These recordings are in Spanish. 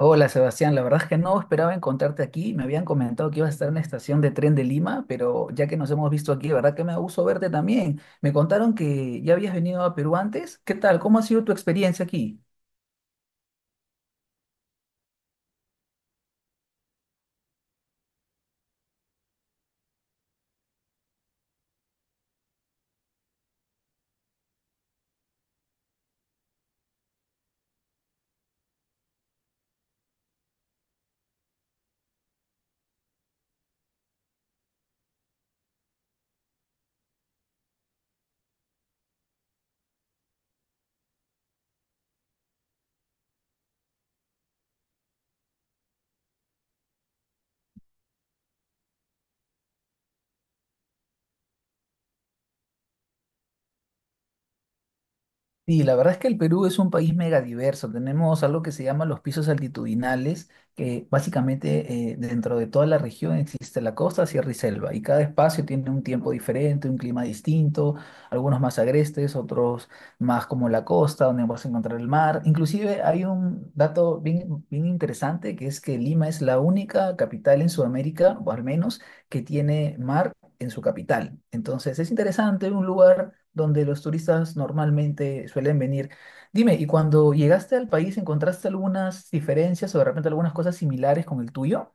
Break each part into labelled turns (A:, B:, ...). A: Hola Sebastián, la verdad es que no esperaba encontrarte aquí. Me habían comentado que ibas a estar en la estación de tren de Lima, pero ya que nos hemos visto aquí, la verdad que me da gusto verte también. Me contaron que ya habías venido a Perú antes. ¿Qué tal? ¿Cómo ha sido tu experiencia aquí? Sí, la verdad es que el Perú es un país mega diverso. Tenemos algo que se llama los pisos altitudinales, que básicamente dentro de toda la región existe la costa, sierra y selva, y cada espacio tiene un tiempo diferente, un clima distinto, algunos más agrestes, otros más como la costa, donde vas a encontrar el mar. Inclusive hay un dato bien, bien interesante, que es que Lima es la única capital en Sudamérica, o al menos, que tiene mar en su capital. Entonces es interesante, un lugar donde los turistas normalmente suelen venir. Dime, ¿y cuando llegaste al país encontraste algunas diferencias o de repente algunas cosas similares con el tuyo?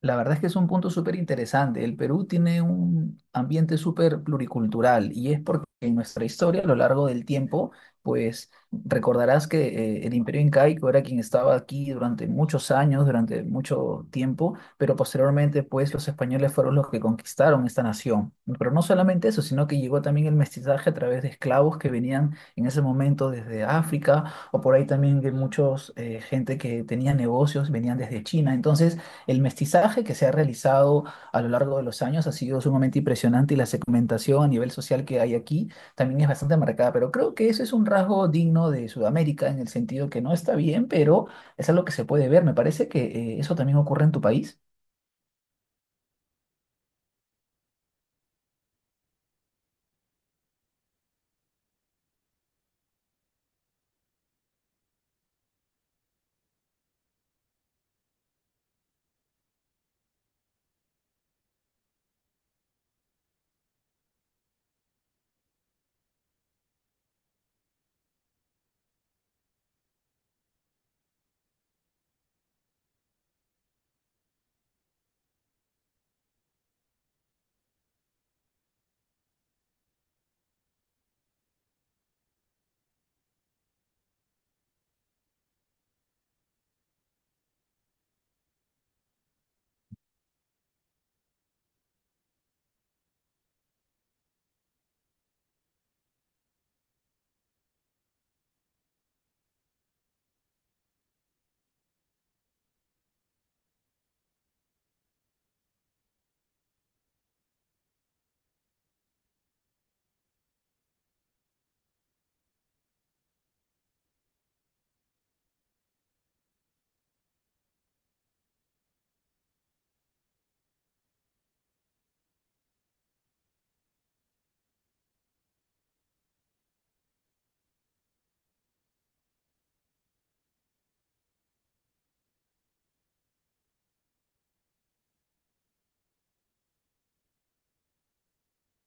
A: La verdad es que es un punto súper interesante. El Perú tiene un ambiente súper pluricultural y es porque en nuestra historia, a lo largo del tiempo, pues recordarás que el Imperio Incaico era quien estaba aquí durante muchos años, durante mucho tiempo, pero posteriormente, pues los españoles fueron los que conquistaron esta nación. Pero no solamente eso, sino que llegó también el mestizaje a través de esclavos que venían en ese momento desde África o por ahí también de muchos gente que tenía negocios, venían desde China. Entonces, el mestizaje que se ha realizado a lo largo de los años ha sido sumamente impresionante y la segmentación a nivel social que hay aquí también es bastante marcada, pero creo que eso es un rasgo digno de Sudamérica en el sentido que no está bien, pero es algo que se puede ver. Me parece que eso también ocurre en tu país.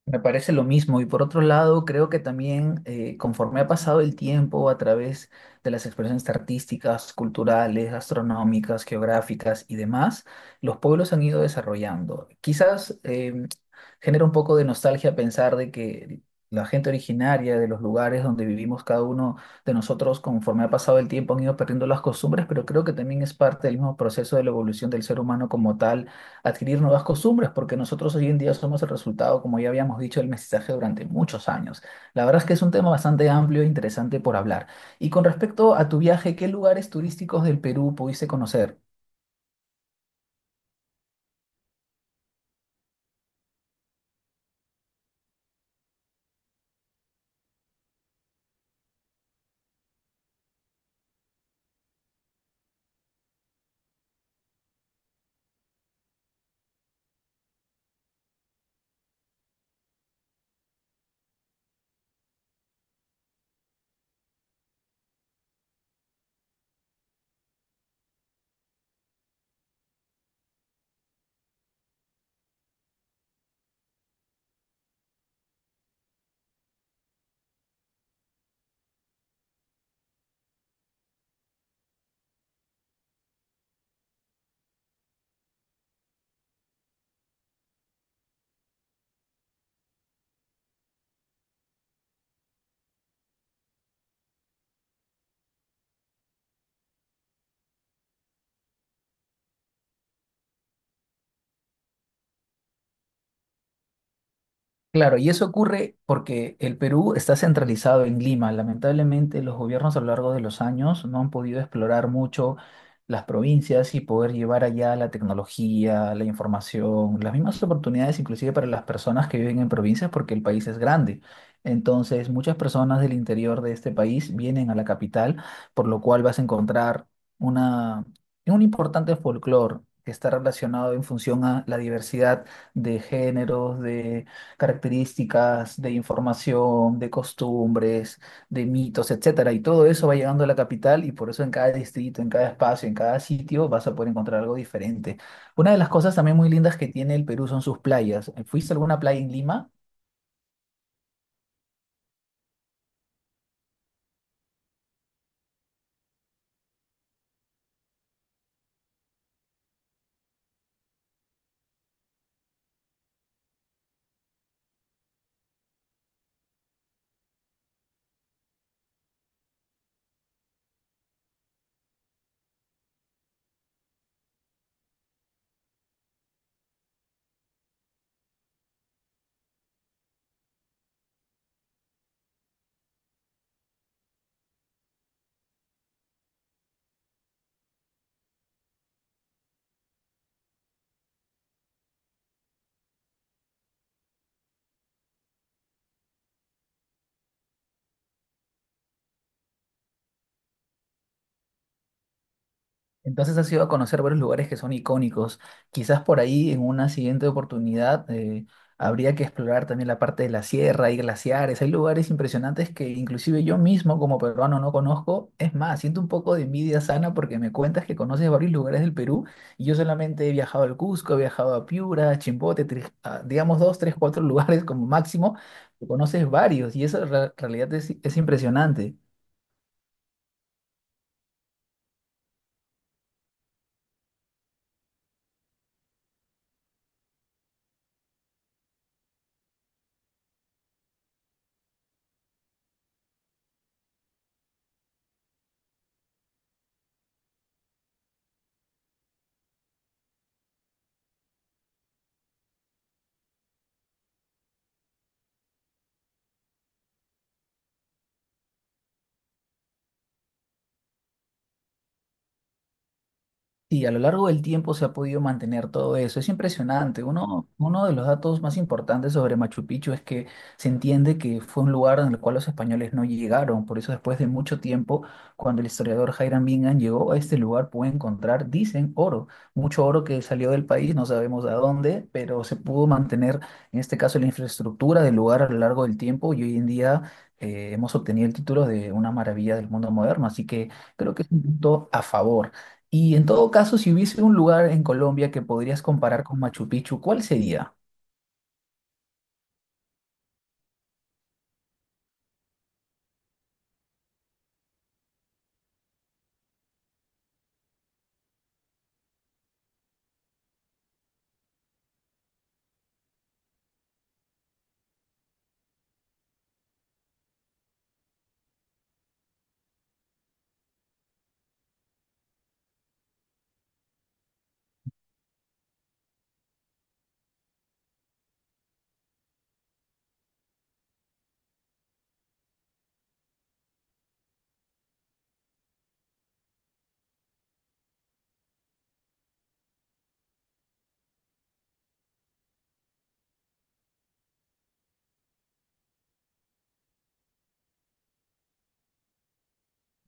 A: Me parece lo mismo y por otro lado creo que también conforme ha pasado el tiempo a través de las expresiones artísticas, culturales, gastronómicas, geográficas y demás, los pueblos han ido desarrollando. Quizás genera un poco de nostalgia pensar de que la gente originaria de los lugares donde vivimos cada uno de nosotros conforme ha pasado el tiempo han ido perdiendo las costumbres, pero creo que también es parte del mismo proceso de la evolución del ser humano como tal adquirir nuevas costumbres, porque nosotros hoy en día somos el resultado, como ya habíamos dicho, del mestizaje durante muchos años. La verdad es que es un tema bastante amplio e interesante por hablar. Y con respecto a tu viaje, ¿qué lugares turísticos del Perú pudiste conocer? Claro, y eso ocurre porque el Perú está centralizado en Lima. Lamentablemente, los gobiernos a lo largo de los años no han podido explorar mucho las provincias y poder llevar allá la tecnología, la información, las mismas oportunidades inclusive para las personas que viven en provincias porque el país es grande. Entonces, muchas personas del interior de este país vienen a la capital, por lo cual vas a encontrar una, un importante folclore que está relacionado en función a la diversidad de géneros, de características de información, de costumbres, de mitos, etcétera. Y todo eso va llegando a la capital y por eso en cada distrito, en cada espacio, en cada sitio vas a poder encontrar algo diferente. Una de las cosas también muy lindas que tiene el Perú son sus playas. ¿Fuiste a alguna playa en Lima? Entonces has ido a conocer varios lugares que son icónicos. Quizás por ahí en una siguiente oportunidad habría que explorar también la parte de la sierra, hay glaciares, hay lugares impresionantes que inclusive yo mismo como peruano no conozco. Es más, siento un poco de envidia sana porque me cuentas que conoces varios lugares del Perú y yo solamente he viajado al Cusco, he viajado a Piura, a Chimbote, a, digamos dos, tres, cuatro lugares como máximo. Tú Conoces varios y eso en realidad es impresionante. Y a lo largo del tiempo se ha podido mantener todo eso. Es impresionante. Uno de los datos más importantes sobre Machu Picchu es que se entiende que fue un lugar en el cual los españoles no llegaron. Por eso después de mucho tiempo, cuando el historiador Hiram Bingham llegó a este lugar, pudo encontrar, dicen, oro. Mucho oro que salió del país, no sabemos a dónde, pero se pudo mantener, en este caso, la infraestructura del lugar a lo largo del tiempo y hoy en día, hemos obtenido el título de una maravilla del mundo moderno, así que creo que es un punto a favor. Y en todo caso, si hubiese un lugar en Colombia que podrías comparar con Machu Picchu, ¿cuál sería?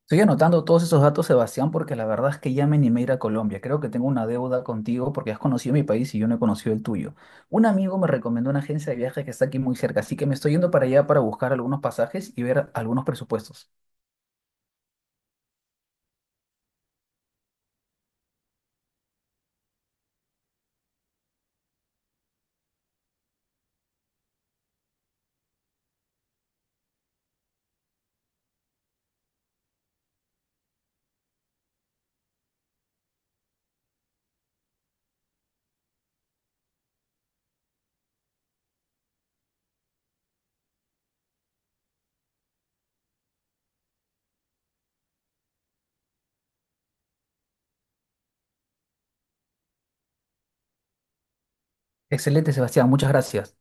A: Estoy anotando todos esos datos, Sebastián, porque la verdad es que ya me animé a ir a Colombia. Creo que tengo una deuda contigo porque has conocido mi país y yo no he conocido el tuyo. Un amigo me recomendó una agencia de viajes que está aquí muy cerca, así que me estoy yendo para allá para buscar algunos pasajes y ver algunos presupuestos. Excelente, Sebastián, muchas gracias.